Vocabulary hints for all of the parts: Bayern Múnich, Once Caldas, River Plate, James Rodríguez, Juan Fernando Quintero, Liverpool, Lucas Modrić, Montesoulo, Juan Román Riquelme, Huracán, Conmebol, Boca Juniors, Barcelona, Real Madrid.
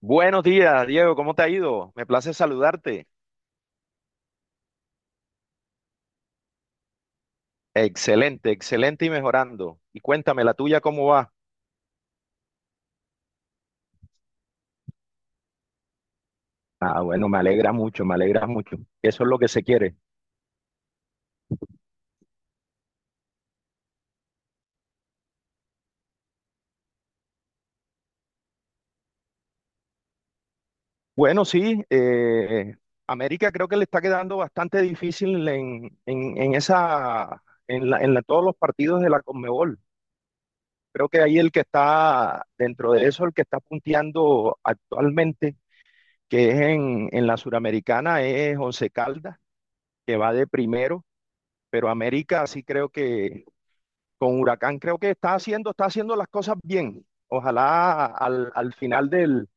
Buenos días, Diego, ¿cómo te ha ido? Me place saludarte. Excelente, excelente y mejorando. Y cuéntame, la tuya, ¿cómo va? Ah, bueno, me alegra mucho, me alegra mucho. Eso es lo que se quiere. Bueno, sí, América creo que le está quedando bastante difícil en esa, en todos los partidos de la Conmebol. Creo que ahí el que está dentro de eso, el que está punteando actualmente, que es en la Suramericana, es Once Caldas, que va de primero, pero América sí creo que con Huracán creo que está haciendo las cosas bien. Ojalá al final del,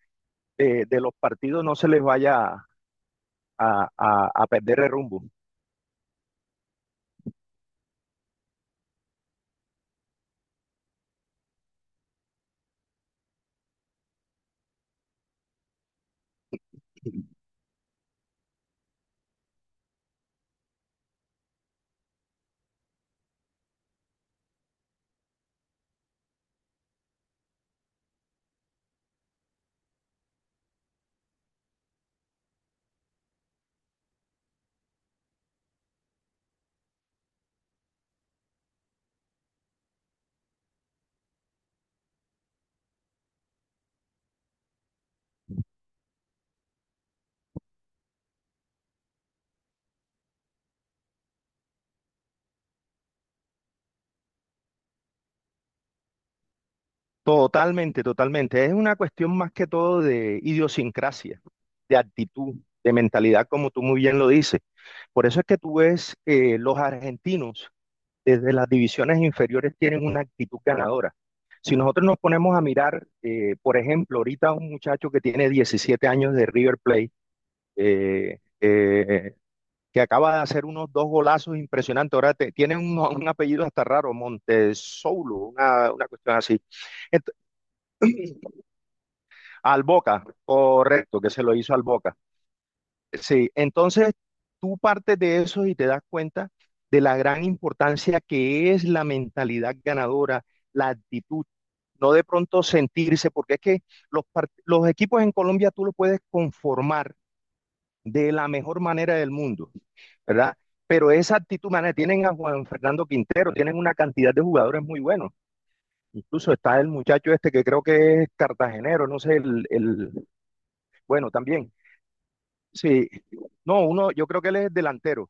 de, de los partidos no se les vaya a perder el rumbo. Totalmente, totalmente. Es una cuestión más que todo de idiosincrasia, de actitud, de mentalidad, como tú muy bien lo dices. Por eso es que tú ves los argentinos desde las divisiones inferiores tienen una actitud ganadora. Si nosotros nos ponemos a mirar, por ejemplo, ahorita un muchacho que tiene 17 años de River Plate, eh, eh, que acaba de hacer unos dos golazos impresionantes, ahora te, tiene apellido hasta raro, Montesoulo, una cuestión así. Entonces, al Boca, correcto, que se lo hizo al Boca. Sí, entonces tú partes de eso y te das cuenta de la gran importancia que es la mentalidad ganadora, la actitud, no de pronto sentirse, porque es que los equipos en Colombia tú los puedes conformar de la mejor manera del mundo, ¿verdad? Pero esa actitud, man, tienen a Juan Fernando Quintero, tienen una cantidad de jugadores muy buenos. Incluso está el muchacho este que creo que es cartagenero, no sé, bueno, también. Sí, no, uno, yo creo que él es delantero,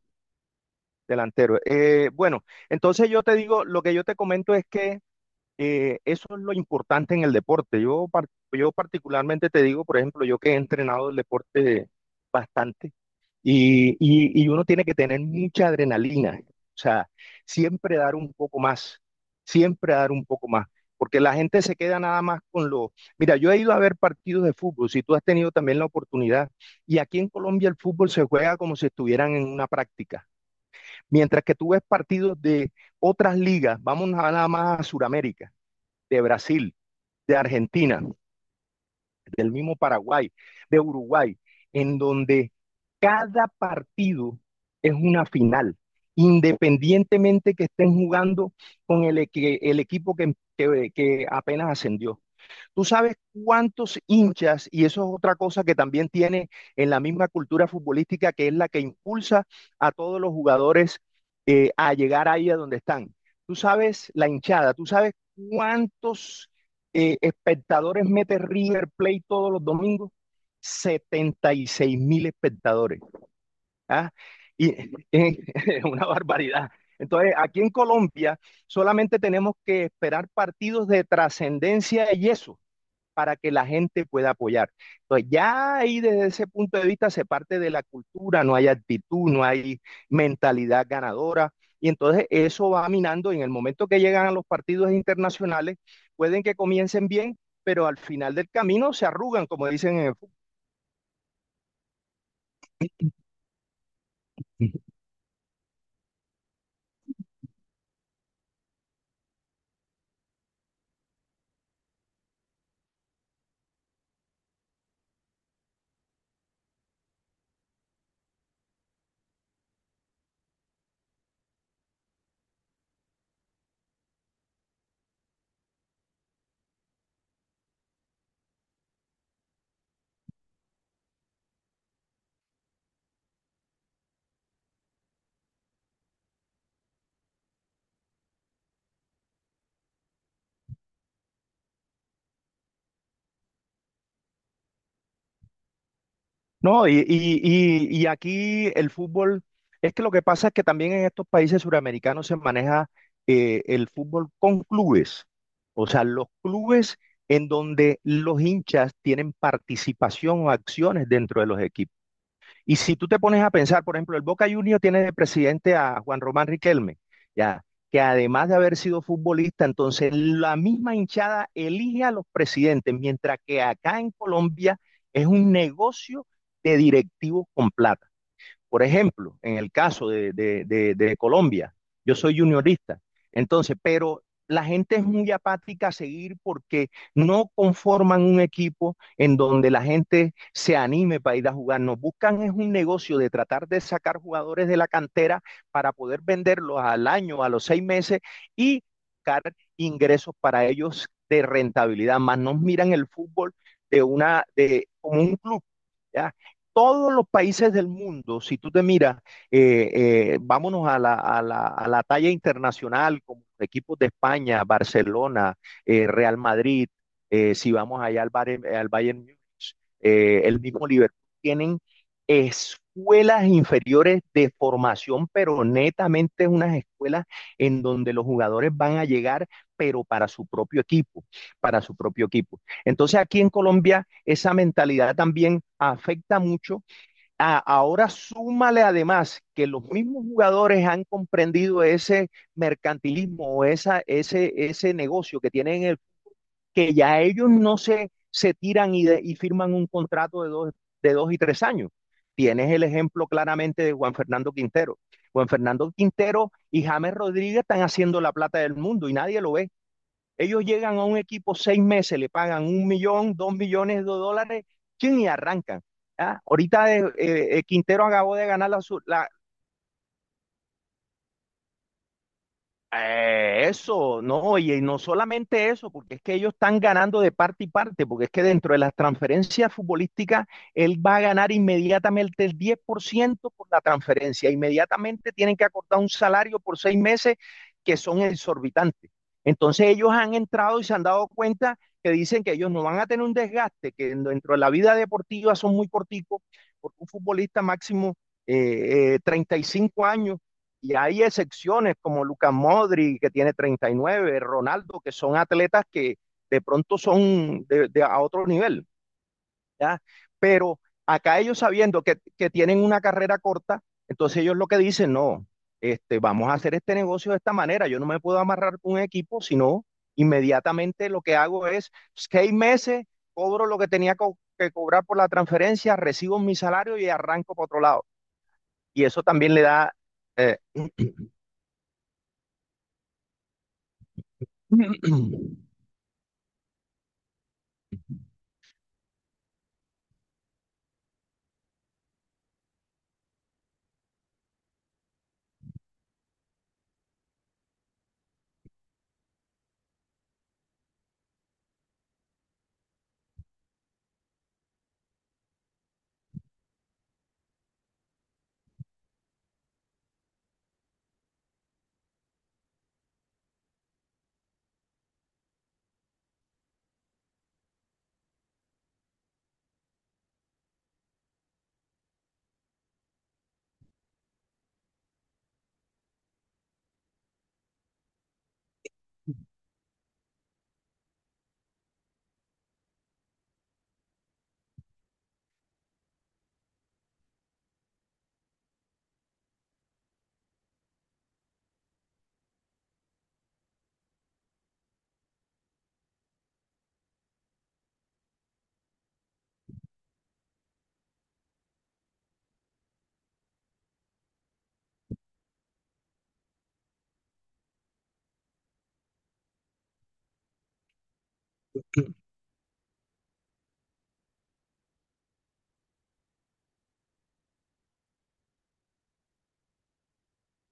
delantero. Bueno, entonces yo te digo, lo que yo te comento es que eso es lo importante en el deporte. Yo particularmente te digo, por ejemplo, yo que he entrenado el deporte bastante, y uno tiene que tener mucha adrenalina, o sea, siempre dar un poco más, siempre dar un poco más, porque la gente se queda nada más con lo... Mira, yo he ido a ver partidos de fútbol, si tú has tenido también la oportunidad, y aquí en Colombia el fútbol se juega como si estuvieran en una práctica, mientras que tú ves partidos de otras ligas, vamos nada más a Sudamérica, de Brasil, de Argentina, del mismo Paraguay, de Uruguay, en donde cada partido es una final, independientemente que estén jugando con el equipo que apenas ascendió. Tú sabes cuántos hinchas, y eso es otra cosa que también tiene en la misma cultura futbolística, que es la que impulsa a todos los jugadores a llegar ahí a donde están. Tú sabes la hinchada, tú sabes cuántos espectadores mete River Plate todos los domingos. 76 mil espectadores. ¿Ah? Y es una barbaridad. Entonces, aquí en Colombia solamente tenemos que esperar partidos de trascendencia y eso para que la gente pueda apoyar. Entonces, ya ahí desde ese punto de vista se parte de la cultura, no hay actitud, no hay mentalidad ganadora. Y entonces eso va minando y en el momento que llegan a los partidos internacionales, pueden que comiencen bien, pero al final del camino se arrugan, como dicen en el fútbol. No, y aquí el fútbol, es que lo que pasa es que también en estos países suramericanos se maneja el fútbol con clubes, o sea, los clubes en donde los hinchas tienen participación o acciones dentro de los equipos. Y si tú te pones a pensar, por ejemplo, el Boca Juniors tiene de presidente a Juan Román Riquelme, ya, que además de haber sido futbolista, entonces la misma hinchada elige a los presidentes, mientras que acá en Colombia es un negocio de directivos con plata. Por ejemplo, en el caso de Colombia, yo soy juniorista. Entonces, pero la gente es muy apática a seguir porque no conforman un equipo en donde la gente se anime para ir a jugar. Nos buscan es un negocio de tratar de sacar jugadores de la cantera para poder venderlos al año, a los 6 meses, y buscar ingresos para ellos de rentabilidad. Más nos miran el fútbol como un club, ¿ya? Todos los países del mundo, si tú te miras, vámonos a a la talla internacional, como equipos de España, Barcelona, Real Madrid, si vamos allá Bayern, al Bayern Múnich, el mismo Liverpool, tienen escuelas inferiores de formación, pero netamente unas escuelas en donde los jugadores van a llegar, pero para su propio equipo, para su propio equipo. Entonces aquí en Colombia esa mentalidad también afecta mucho. Ahora súmale además que los mismos jugadores han comprendido ese mercantilismo o ese negocio que tienen que ya ellos no se tiran y, y firman un contrato de dos, de 2 y 3 años. Tienes el ejemplo claramente de Juan Fernando Quintero. Juan Fernando Quintero y James Rodríguez están haciendo la plata del mundo y nadie lo ve. Ellos llegan a un equipo 6 meses, le pagan 1 millón, 2 millones de dólares, chin, y arrancan. ¿Ah? Ahorita Quintero acabó de ganar la. No, y no solamente eso, porque es que ellos están ganando de parte y parte, porque es que dentro de las transferencias futbolísticas, él va a ganar inmediatamente el 10% por la transferencia, inmediatamente tienen que acordar un salario por 6 meses que son exorbitantes. Entonces ellos han entrado y se han dado cuenta, que dicen que ellos no van a tener un desgaste, que dentro de la vida deportiva son muy corticos, porque un futbolista máximo 35 años, y hay excepciones como Lucas Modri, que tiene 39, Ronaldo, que son atletas que de pronto son de a otro nivel, ¿ya? Pero acá ellos sabiendo que tienen una carrera corta, entonces ellos lo que dicen, no, este, vamos a hacer este negocio de esta manera, yo no me puedo amarrar con un equipo, sino inmediatamente lo que hago es 6 meses, cobro lo que tenía que cobrar por la transferencia, recibo mi salario y arranco para otro lado. Y eso también le da eh,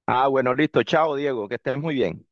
Ah, bueno, listo. Chao, Diego. Que estés muy bien.